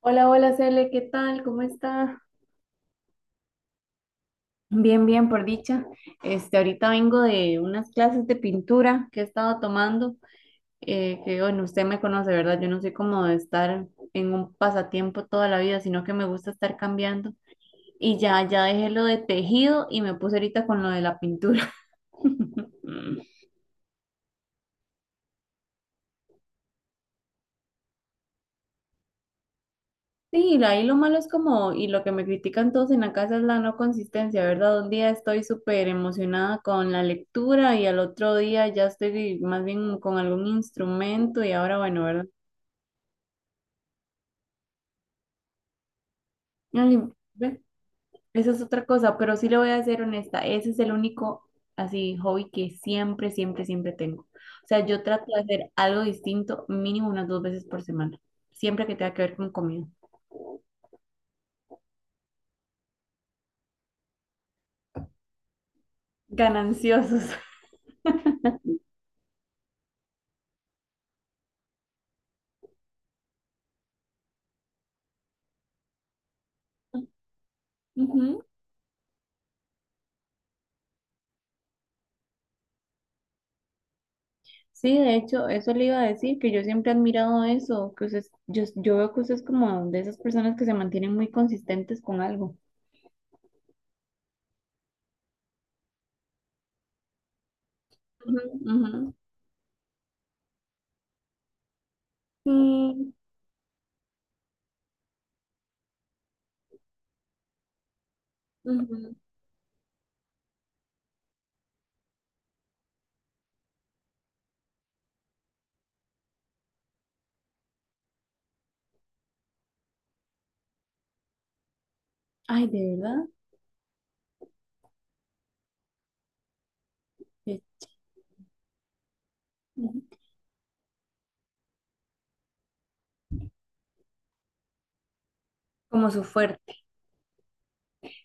Hola, hola, Cele, ¿qué tal? ¿Cómo está? Bien, bien, por dicha. Ahorita vengo de unas clases de pintura que he estado tomando, que bueno, usted me conoce, ¿verdad? Yo no soy como de estar en un pasatiempo toda la vida, sino que me gusta estar cambiando. Y ya, ya dejé lo de tejido y me puse ahorita con lo de la pintura. Sí, ahí lo malo es como, y lo que me critican todos en la casa es la no consistencia, ¿verdad? Un día estoy súper emocionada con la lectura y al otro día ya estoy más bien con algún instrumento y ahora, bueno, ¿verdad? Ay, ve, esa es otra cosa, pero sí le voy a ser honesta, ese es el único así hobby que siempre, siempre, siempre tengo. O sea, yo trato de hacer algo distinto mínimo unas dos veces por semana, siempre que tenga que ver con comida. Gananciosos. Sí, de hecho, eso le iba a decir, que yo siempre he admirado eso, que usted, yo veo que usted es como de esas personas que se mantienen muy consistentes con algo. Ujú, ujú. Sí, ujú. Ay, de verdad. Sí. Ujú. Como su fuerte.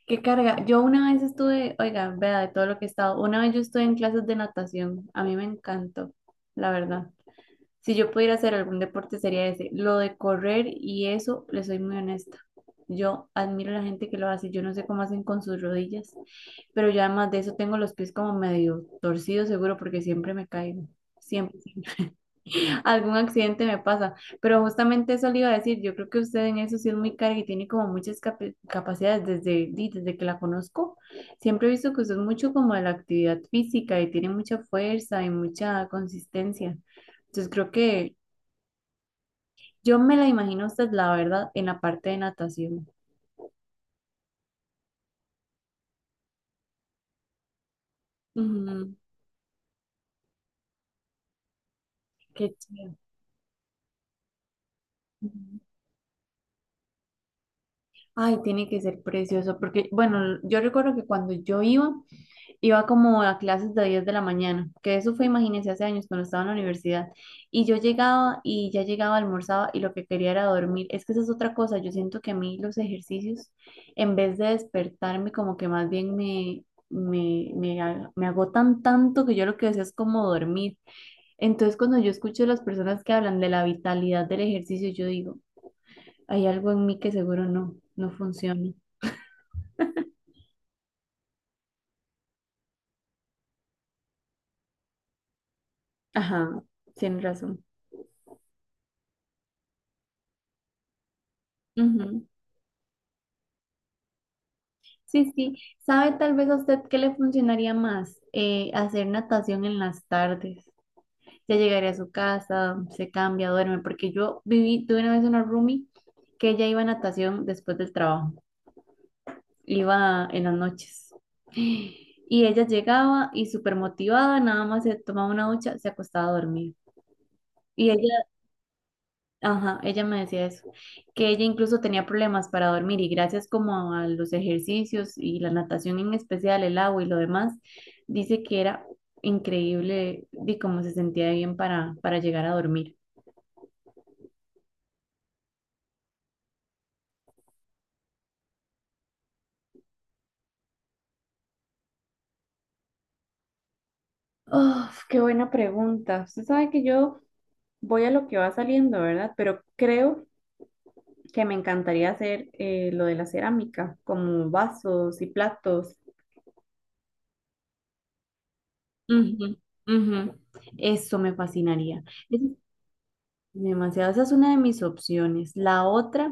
Qué carga. Yo una vez estuve, oiga, vea, de todo lo que he estado, una vez yo estuve en clases de natación. A mí me encantó, la verdad. Si yo pudiera hacer algún deporte sería ese. Lo de correr y eso, le soy muy honesta. Yo admiro a la gente que lo hace. Yo no sé cómo hacen con sus rodillas, pero yo además de eso tengo los pies como medio torcidos seguro porque siempre me caigo. Siempre, siempre. Algún accidente me pasa. Pero justamente eso le iba a decir. Yo creo que usted en eso sí es muy carga y tiene como muchas capacidades desde que la conozco. Siempre he visto que usted es mucho como de la actividad física y tiene mucha fuerza y mucha consistencia. Entonces creo que yo me la imagino a usted, la verdad, en la parte de natación. Ujú. Qué chido. Ujú. Ay, tiene que ser precioso, porque, bueno, yo recuerdo que cuando yo iba, iba como a clases de 10 de la mañana, que eso fue, imagínense, hace años cuando estaba en la universidad, y yo llegaba y ya llegaba, almorzaba y lo que quería era dormir. Es que esa es otra cosa, yo siento que a mí los ejercicios, en vez de despertarme, como que más bien me agotan tanto que yo lo que deseo es como dormir. Entonces, cuando yo escucho a las personas que hablan de la vitalidad del ejercicio, yo digo, hay algo en mí que seguro no, no funciona. Ajá, tiene razón. Ujú. Sí, sí. ¿Sabe tal vez a usted qué le funcionaría más? Hacer natación en las tardes. Ya llegaría a su casa, se cambia, duerme, porque yo viví, tuve una vez una roomie que ella iba a natación después del trabajo, iba en las noches. Y ella llegaba y súper motivada, nada más se tomaba una ducha, se acostaba a dormir. Y ella. Ajá, ella me decía eso, que ella incluso tenía problemas para dormir y gracias como a los ejercicios y la natación en especial, el agua y lo demás, dice que era increíble de cómo se sentía bien para llegar a dormir. Uf, qué buena pregunta. Usted sabe que yo voy a lo que va saliendo, ¿verdad? Pero creo que me encantaría hacer lo de la cerámica, como vasos y platos. Ujú, ujú. Eso me fascinaría. Demasiado, esa es una de mis opciones. La otra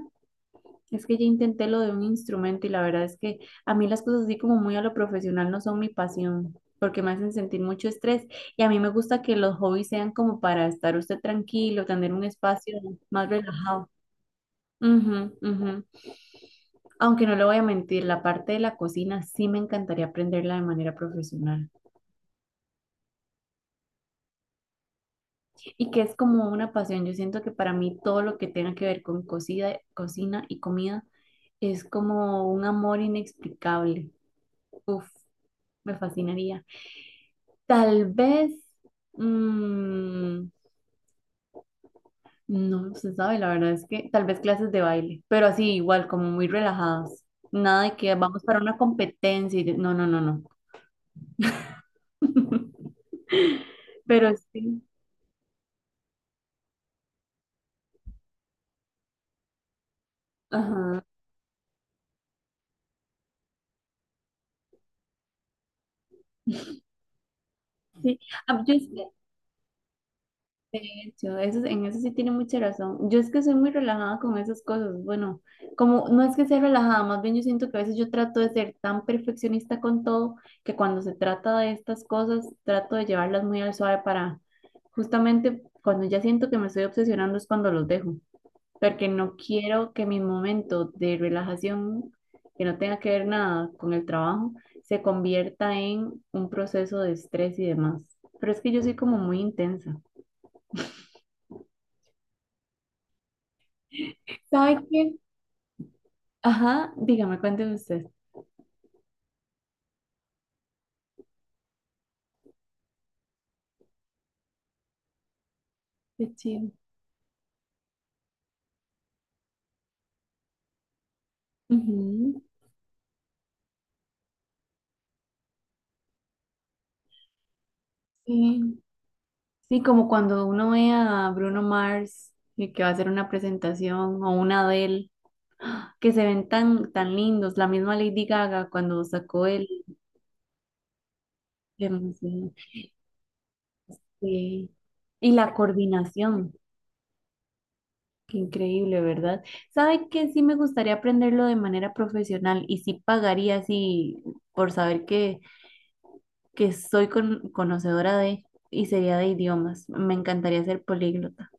es que ya intenté lo de un instrumento y la verdad es que a mí las cosas así como muy a lo profesional no son mi pasión porque me hacen sentir mucho estrés y a mí me gusta que los hobbies sean como para estar usted tranquilo, tener un espacio más relajado. Ujú, ujú. Aunque no le voy a mentir, la parte de la cocina sí me encantaría aprenderla de manera profesional. Y que es como una pasión. Yo siento que para mí todo lo que tenga que ver con cocina y comida es como un amor inexplicable. Uf, me fascinaría. Tal vez, mm, no se sabe, la verdad es que tal vez clases de baile, pero así igual, como muy relajadas. Nada de que vamos para una competencia y no, no, no, no. Pero sí. Ajá. Ah, yo, sí. En eso sí tiene mucha razón. Yo es que soy muy relajada con esas cosas. Bueno, como no es que sea relajada, más bien yo siento que a veces yo trato de ser tan perfeccionista con todo que cuando se trata de estas cosas trato de llevarlas muy al suave para justamente cuando ya siento que me estoy obsesionando es cuando los dejo, porque no quiero que mi momento de relajación, que no tenga que ver nada con el trabajo, se convierta en un proceso de estrés y demás. Pero es que yo soy como muy intensa. ¿Sabes qué? Ajá, dígame, cuénteme usted. Qué chido. Ujú. Sí, sí, como cuando uno ve a Bruno Mars y que va a hacer una presentación o una Adele, ¡ah!, que se ven tan, tan lindos. La misma Lady Gaga cuando sacó el... sí, sí. Y la coordinación, qué increíble, ¿verdad? ¿Sabe que sí me gustaría aprenderlo de manera profesional y sí pagaría así por saber que soy conocedora de y sería de idiomas? Me encantaría ser políglota.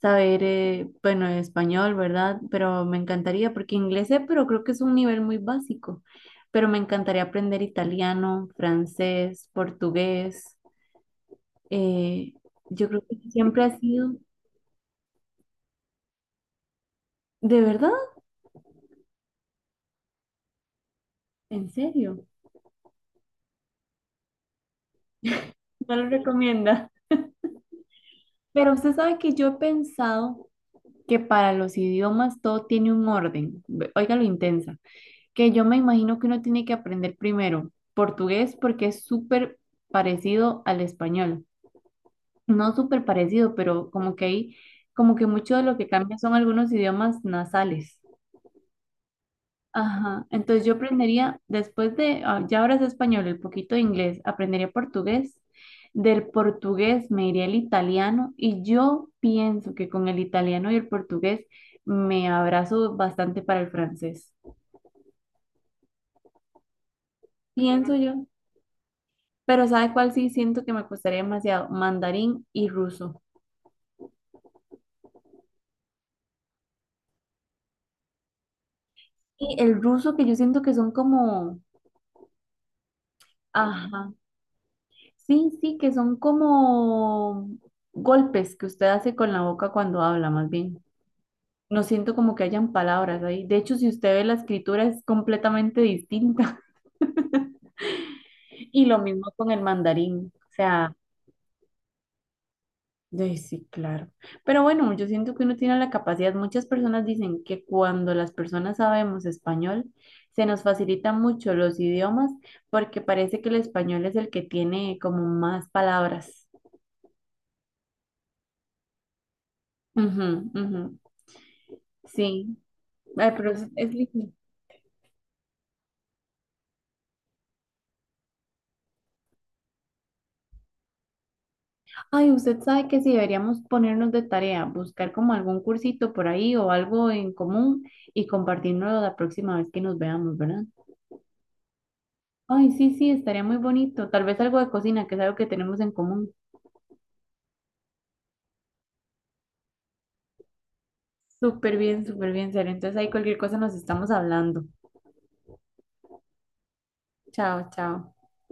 Saber, bueno, español, ¿verdad? Pero me encantaría, porque inglés sé, pero creo que es un nivel muy básico. Pero me encantaría aprender italiano, francés, portugués. eh, yo creo que siempre ha sido, ¿de verdad? ¿En serio? No lo recomienda. Pero usted sabe que yo he pensado que para los idiomas todo tiene un orden. Oiga lo intensa. Que yo me imagino que uno tiene que aprender primero portugués porque es súper parecido al español. No súper parecido, pero como que hay, como que mucho de lo que cambia son algunos idiomas nasales. Ajá, entonces yo aprendería, después de, ah, ya ahora es español, el poquito de inglés, aprendería portugués. Del portugués me iría el italiano y yo pienso que con el italiano y el portugués me abrazo bastante para el francés. Pienso yo. Pero ¿sabe cuál sí siento que me costaría demasiado? Mandarín y ruso. Y el ruso, que yo siento que son como, ajá, sí, sí, que son como golpes que usted hace con la boca cuando habla, más bien. No siento como que hayan palabras ahí. De hecho, si usted ve la escritura es completamente distinta. Y lo mismo con el mandarín. O sea, sí, claro. Pero bueno, yo siento que uno tiene la capacidad. Muchas personas dicen que cuando las personas sabemos español, se nos facilitan mucho los idiomas porque parece que el español es el que tiene como más palabras. Ujú, ujú. Sí. Ay, pero es lindo. Ay, usted sabe que si deberíamos ponernos de tarea, buscar como algún cursito por ahí o algo en común y compartirnos la próxima vez que nos veamos, ¿verdad? Ay, sí, sí, estaría muy bonito. Tal vez algo de cocina, que es algo que tenemos en común. Súper bien, serio. Entonces ahí cualquier cosa nos estamos hablando. Chao, chao.